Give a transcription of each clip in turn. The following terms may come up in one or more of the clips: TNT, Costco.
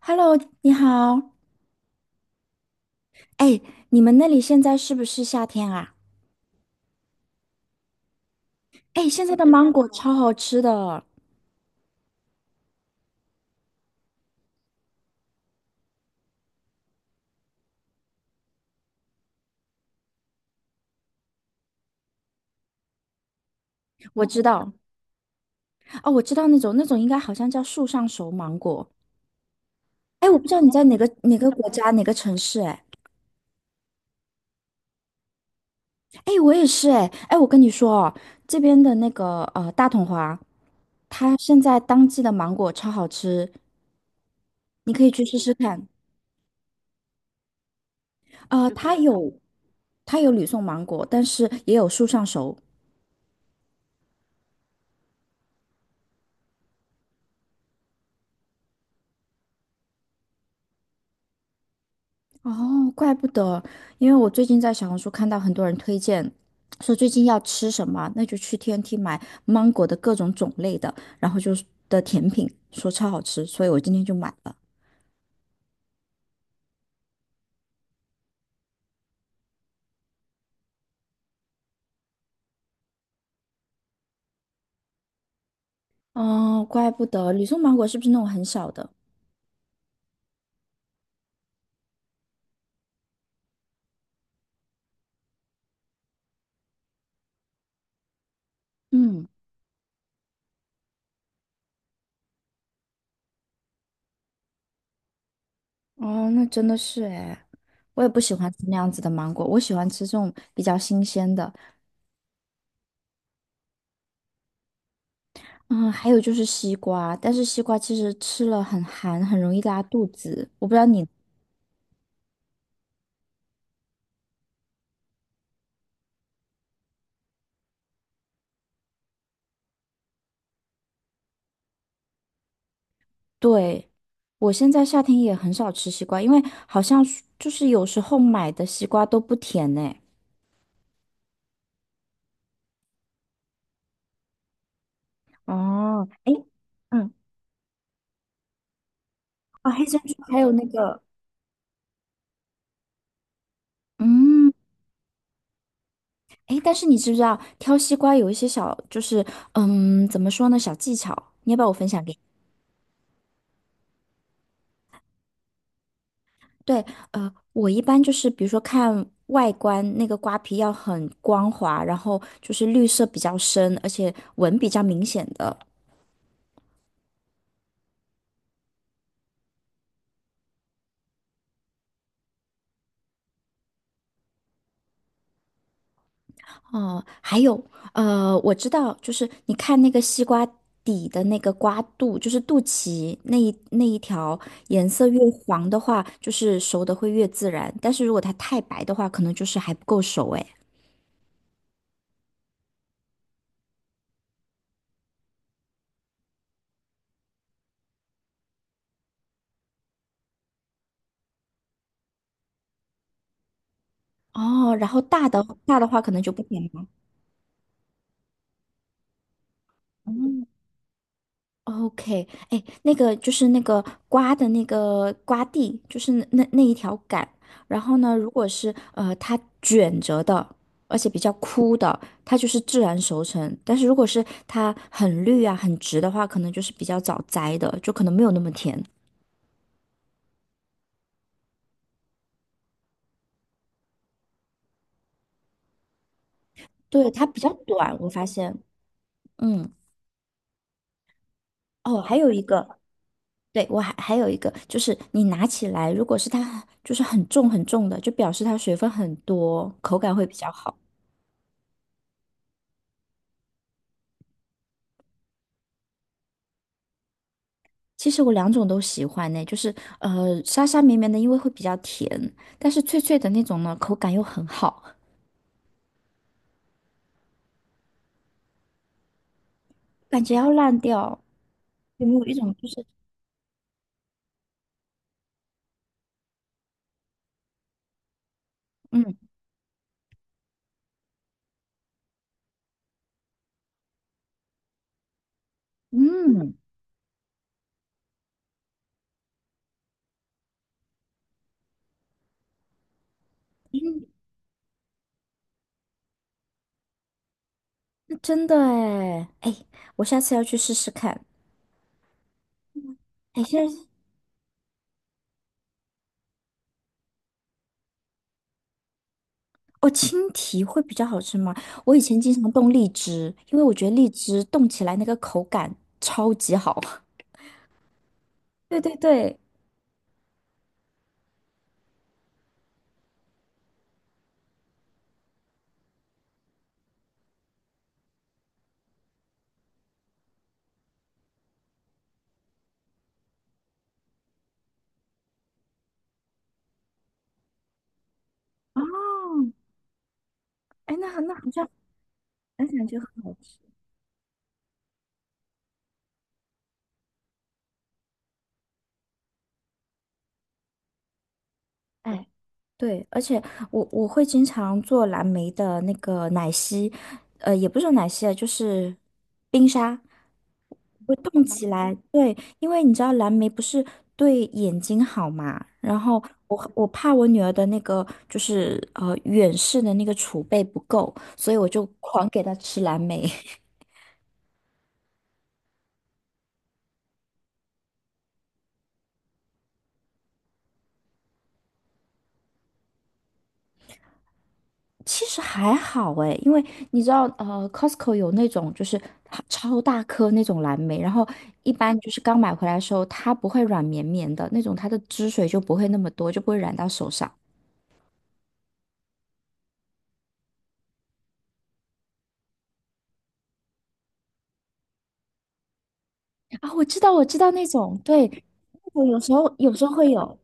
Hello，你好。哎，你们那里现在是不是夏天啊？哎，现在的芒果超好吃的，我知道。哦，我知道那种应该好像叫树上熟芒果。哎，我不知道你在哪个国家哪个城市哎。哎，我也是哎。哎，我跟你说哦，这边的那个大统华，它现在当季的芒果超好吃，你可以去试试看。它有它有吕宋芒果，但是也有树上熟。哦，怪不得，因为我最近在小红书看到很多人推荐，说最近要吃什么，那就去 TNT 买芒果的各种种类的，然后就是的甜品，说超好吃，所以我今天就买了。哦，怪不得，吕宋芒果是不是那种很小的？嗯。哦，那真的是诶，我也不喜欢吃那样子的芒果，我喜欢吃这种比较新鲜的。嗯，还有就是西瓜，但是西瓜其实吃了很寒，很容易拉肚子。我不知道你对，我现在夏天也很少吃西瓜，因为好像是就是有时候买的西瓜都不甜呢。哦，哎，嗯，啊，黑珍珠还有那个，嗯，哎，但是你知不知道挑西瓜有一些小，就是嗯，怎么说呢，小技巧，你要不要我分享给你？对，我一般就是比如说看外观，那个瓜皮要很光滑，然后就是绿色比较深，而且纹比较明显的。哦，还有，我知道，就是你看那个西瓜底的那个瓜肚，就是肚脐那一条，颜色越黄的话，就是熟的会越自然，但是如果它太白的话，可能就是还不够熟哎。哦，然后大的话，可能就不甜了。哦 OK，哎，那个就是那个瓜的那个瓜蒂，就是那一条杆。然后呢，如果是它卷着的，而且比较枯的，它就是自然熟成。但是如果是它很绿啊、很直的话，可能就是比较早摘的，就可能没有那么甜。对，它比较短，我发现。嗯，哦，还有一个，对，我还有一个，就是你拿起来，如果是它就是很重很重的，就表示它水分很多，口感会比较好。其实我两种都喜欢呢，就是呃沙沙绵绵的，因为会比较甜，但是脆脆的那种呢，口感又很好，感觉要烂掉。有没有一种就是嗯嗯，真的哎哎，我下次要去试试看。哎，现在哦，青提会比较好吃吗？我以前经常冻荔枝，因为我觉得荔枝冻起来那个口感超级好。对对对，哦，哎，那那好像那感觉很好吃。哎。对，而且我我会经常做蓝莓的那个奶昔，也不是说奶昔啊，就是冰沙，会冻起来。对，因为你知道蓝莓不是对眼睛好嘛，然后我我怕我女儿的那个就是远视的那个储备不够，所以我就狂给她吃蓝莓。其实还好诶，因为你知道，Costco 有那种就是它超大颗那种蓝莓，然后一般就是刚买回来的时候，它不会软绵绵的那种，它的汁水就不会那么多，就不会染到手上。啊，我知道，我知道那种，对，我有时候会有，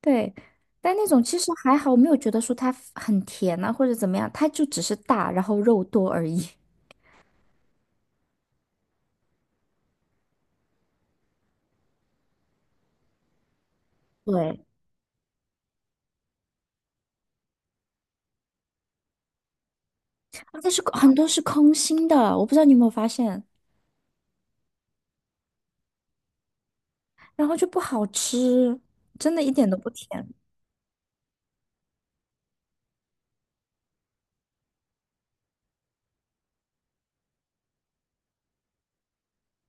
对，但那种其实还好，我没有觉得说它很甜啊或者怎么样，它就只是大，然后肉多而已。对，啊但是很多是空心的，我不知道你有没有发现。然后就不好吃，真的一点都不甜。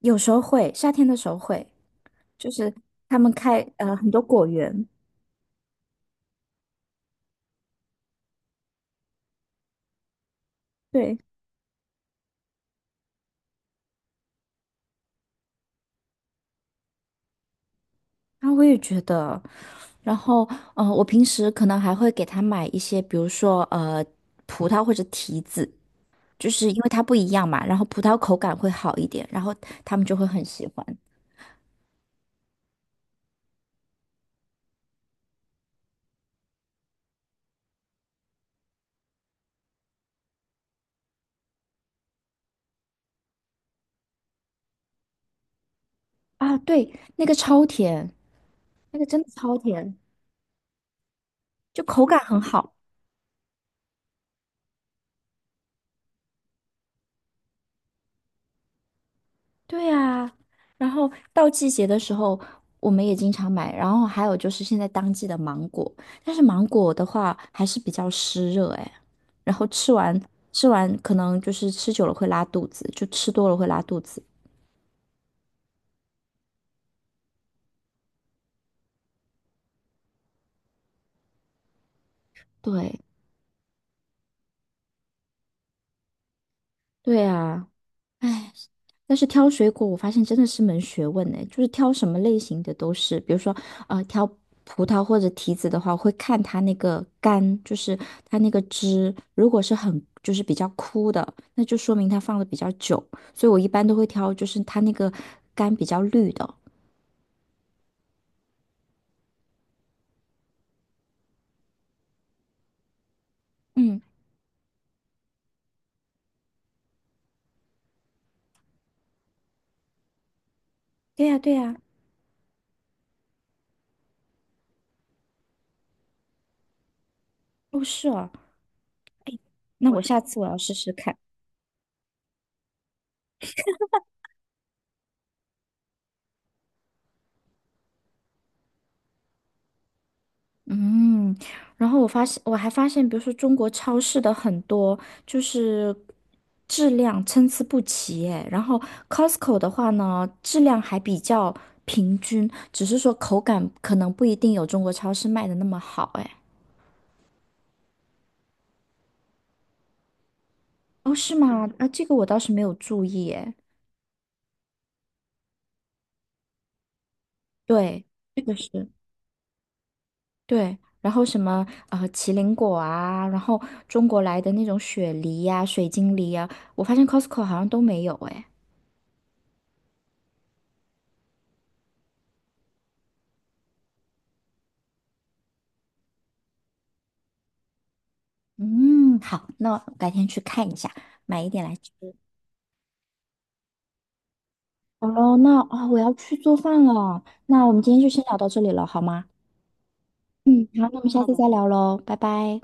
有时候会，夏天的时候会，就是他们开很多果园，对，然后我也觉得，然后我平时可能还会给他买一些，比如说葡萄或者提子，就是因为它不一样嘛，然后葡萄口感会好一点，然后他们就会很喜欢啊。对，那个超甜，那个真的超甜，就口感很好。对啊，然后到季节的时候，我们也经常买。然后还有就是现在当季的芒果，但是芒果的话还是比较湿热哎。然后吃完，可能就是吃久了会拉肚子，就吃多了会拉肚子。对对啊，唉。但是挑水果，我发现真的是门学问呢，就是挑什么类型的都是，比如说，挑葡萄或者提子的话，我会看它那个干，就是它那个汁，如果是很就是比较枯的，那就说明它放的比较久，所以我一般都会挑就是它那个干比较绿的。嗯，对呀，对呀，哦，是哦，那我下次我要试试看。嗯，然后我发现，我还发现，比如说中国超市的很多就是质量参差不齐，哎，然后 Costco 的话呢，质量还比较平均，只是说口感可能不一定有中国超市卖的那么好，哎。哦，是吗？啊，这个我倒是没有注意，哎。对，这个是对。然后什么麒麟果啊，然后中国来的那种雪梨呀、水晶梨呀、我发现 Costco 好像都没有，哎。嗯，好，那我改天去看一下，买一点来吃。好了，那啊、我要去做饭了。那我们今天就先聊到这里了，好吗？嗯，好，那我们下次再聊喽，拜拜。